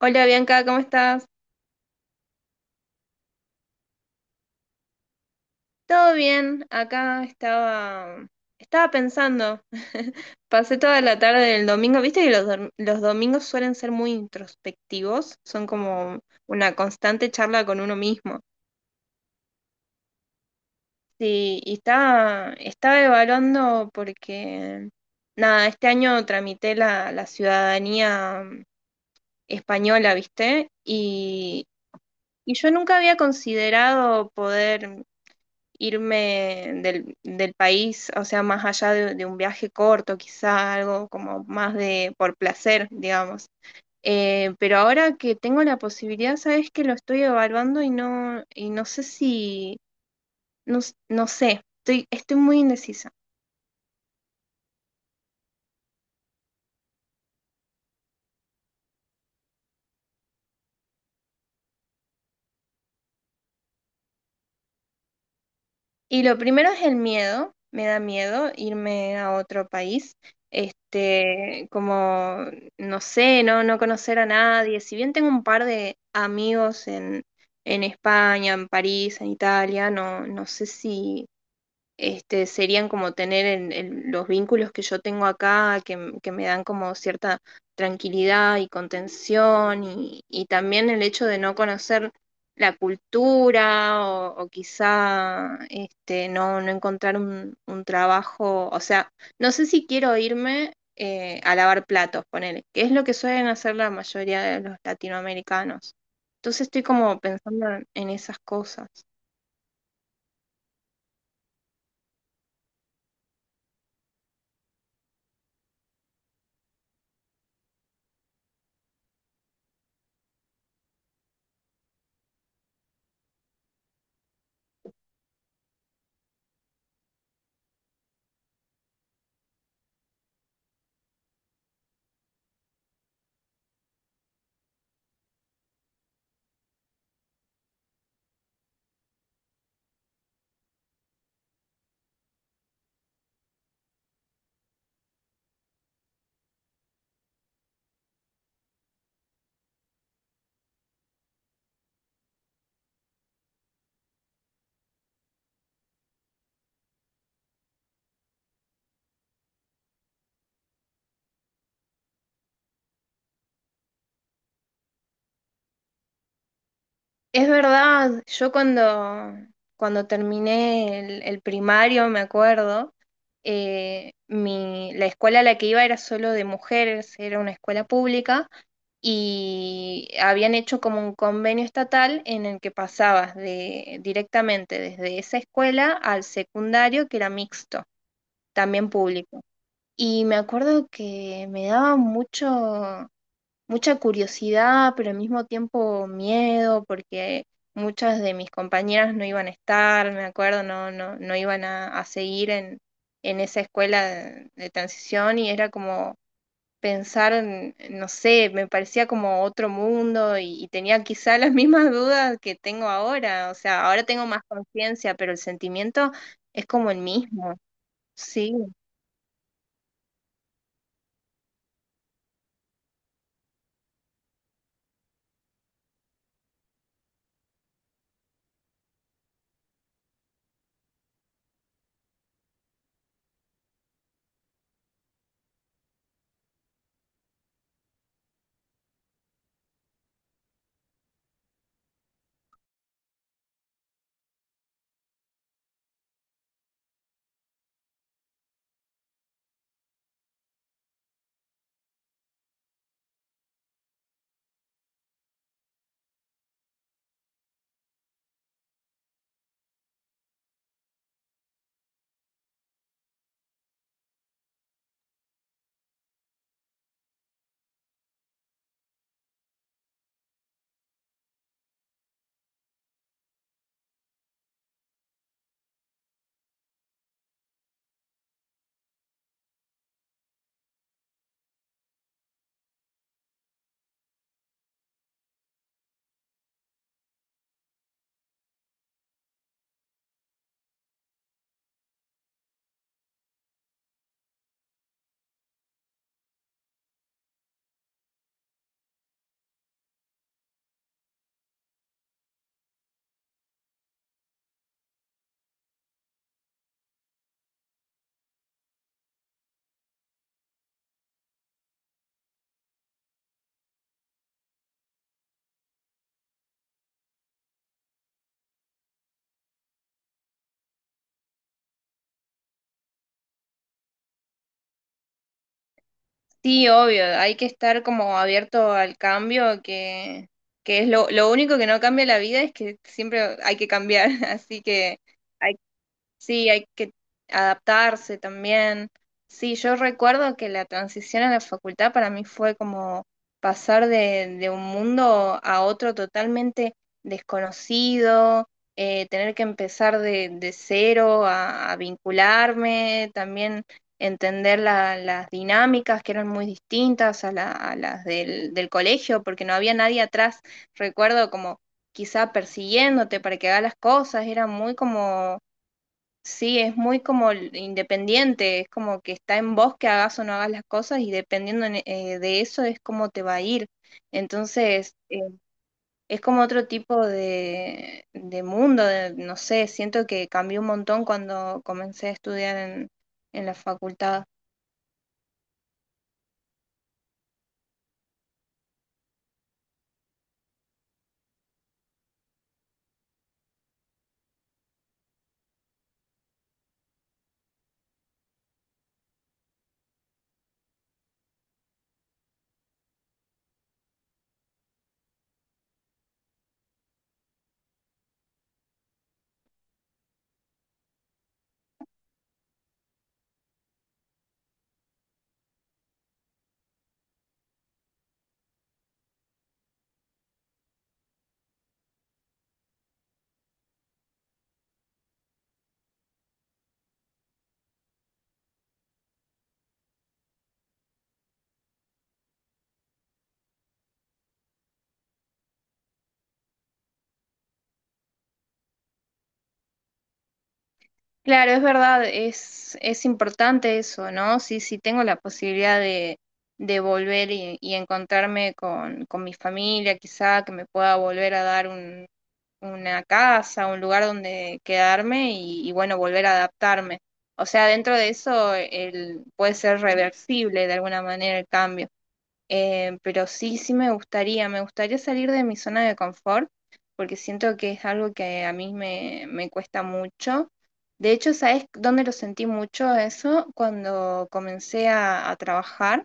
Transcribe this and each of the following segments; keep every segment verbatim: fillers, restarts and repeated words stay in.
Hola Bianca, ¿cómo estás? ¿Todo bien? Acá estaba, estaba pensando. Pasé toda la tarde del domingo. Viste que los, dom- los domingos suelen ser muy introspectivos, son como una constante charla con uno mismo. Sí, y estaba, estaba evaluando porque, nada, este año tramité la, la ciudadanía española, ¿viste? Y, y yo nunca había considerado poder irme del, del país, o sea, más allá de, de un viaje corto, quizá algo como más de por placer, digamos. Eh, pero ahora que tengo la posibilidad, sabes que lo estoy evaluando y no, y no sé si, no, s- no sé, estoy, estoy muy indecisa. Y lo primero es el miedo, me da miedo irme a otro país, este, como, no sé, no, no conocer a nadie, si bien tengo un par de amigos en, en España, en París, en Italia, no, no sé si, este, serían como tener en- en los vínculos que yo tengo acá, que, m- que me dan como cierta tranquilidad y contención, y, y también el hecho de no conocer la cultura o, o quizá este, no, no encontrar un, un trabajo, o sea, no sé si quiero irme eh, a lavar platos, ponele, que es lo que suelen hacer la mayoría de los latinoamericanos. Entonces estoy como pensando en en esas cosas. Es verdad, yo cuando, cuando terminé el, el primario, me acuerdo, eh, mi, la escuela a la que iba era solo de mujeres, era una escuela pública y habían hecho como un convenio estatal en el que pasabas de, directamente desde esa escuela al secundario, que era mixto, también público. Y me acuerdo que me daba mucho, mucha curiosidad, pero al mismo tiempo miedo, porque muchas de mis compañeras no iban a estar, me acuerdo, no, no, no iban a, a seguir en, en esa escuela de, de transición y era como pensar, en, no sé, me parecía como otro mundo y, y tenía quizá las mismas dudas que tengo ahora, o sea, ahora tengo más conciencia, pero el sentimiento es como el mismo, sí. Sí, obvio, hay que estar como abierto al cambio, que, que es lo, lo único que no cambia la vida es que siempre hay que cambiar, así que hay, sí, hay que adaptarse también. Sí, yo recuerdo que la transición a la facultad para mí fue como pasar de, de un mundo a otro totalmente desconocido, eh, tener que empezar de, de cero a, a vincularme, también entender la- las dinámicas que eran muy distintas a, la- a las del, del colegio, porque no había nadie atrás, recuerdo como quizá persiguiéndote para que hagas las cosas, era muy como sí, es muy como l- independiente, es como que está en vos que hagas o no hagas las cosas y dependiendo en- eh, de eso es como te va a ir. Entonces, eh, es como otro tipo de, de mundo, de- no sé, siento que cambió un montón cuando comencé a estudiar en, en la facultad. Claro, es verdad, es, es importante eso, ¿no? Sí, sí tengo la posibilidad de, de volver y, y encontrarme con, con mi familia, quizá que me pueda volver a dar un una casa, un lugar donde quedarme y, y, bueno, volver a adaptarme. O sea, dentro de eso el, puede ser reversible de alguna manera el cambio. Eh, pero sí, sí me gustaría, me gustaría salir de mi zona de confort porque siento que es algo que a mí me, me cuesta mucho. De hecho, ¿sabes dónde lo sentí mucho eso? Cuando comencé a, a trabajar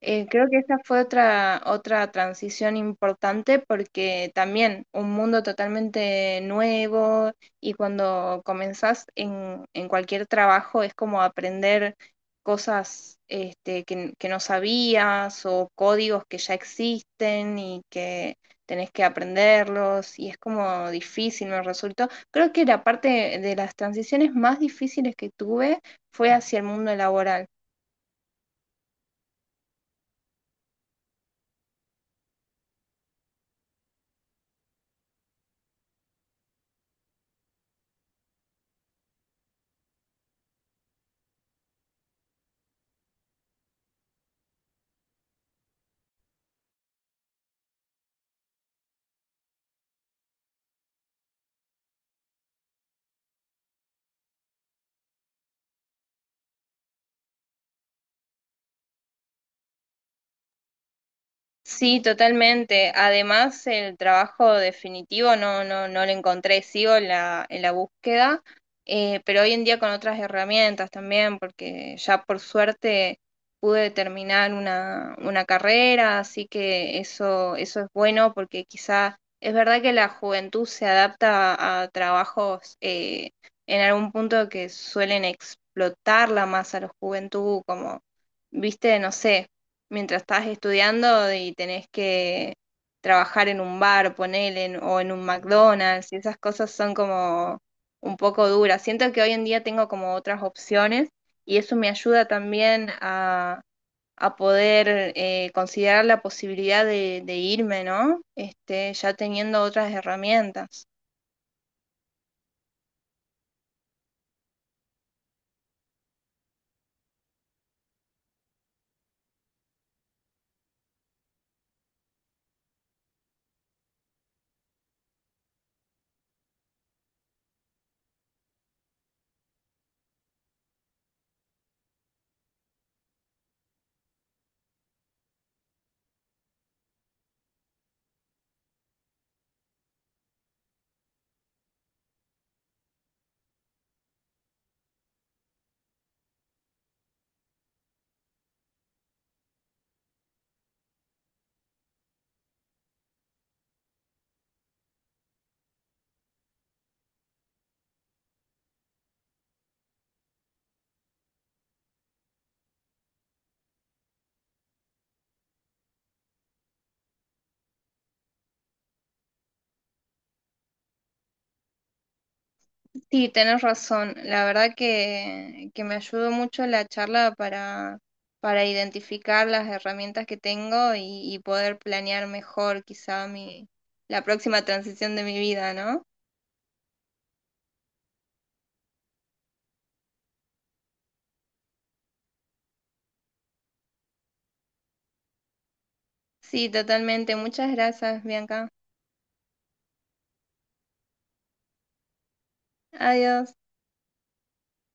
eh, creo que esa fue otra, otra transición importante porque también un mundo totalmente nuevo y cuando comenzás en, en cualquier trabajo es como aprender cosas este, que, que no sabías o códigos que ya existen y que tenés que aprenderlos y es como difícil, me resultó. Creo que la parte de las transiciones más difíciles que tuve fue hacia el mundo laboral. Sí, totalmente. Además, el trabajo definitivo no, no, no lo encontré, sigo en la, en la búsqueda, eh, pero hoy en día con otras herramientas también, porque ya por suerte pude terminar una, una carrera, así que eso, eso es bueno, porque quizá es verdad que la juventud se adapta a trabajos eh, en algún punto que suelen explotarla más a la juventud, como, viste, no sé mientras estás estudiando y tenés que trabajar en un bar, ponele, en- o en un McDonald's, y esas cosas son como un poco duras. Siento que hoy en día tengo como otras opciones y eso me ayuda también a, a poder eh, considerar la posibilidad de, de irme, ¿no? Este, ya teniendo otras herramientas. Sí, tenés razón. La verdad que, que me ayudó mucho la charla para, para identificar las herramientas que tengo y, y poder planear mejor quizá mi, la próxima transición de mi vida, ¿no? Sí, totalmente. Muchas gracias, Bianca. Adiós.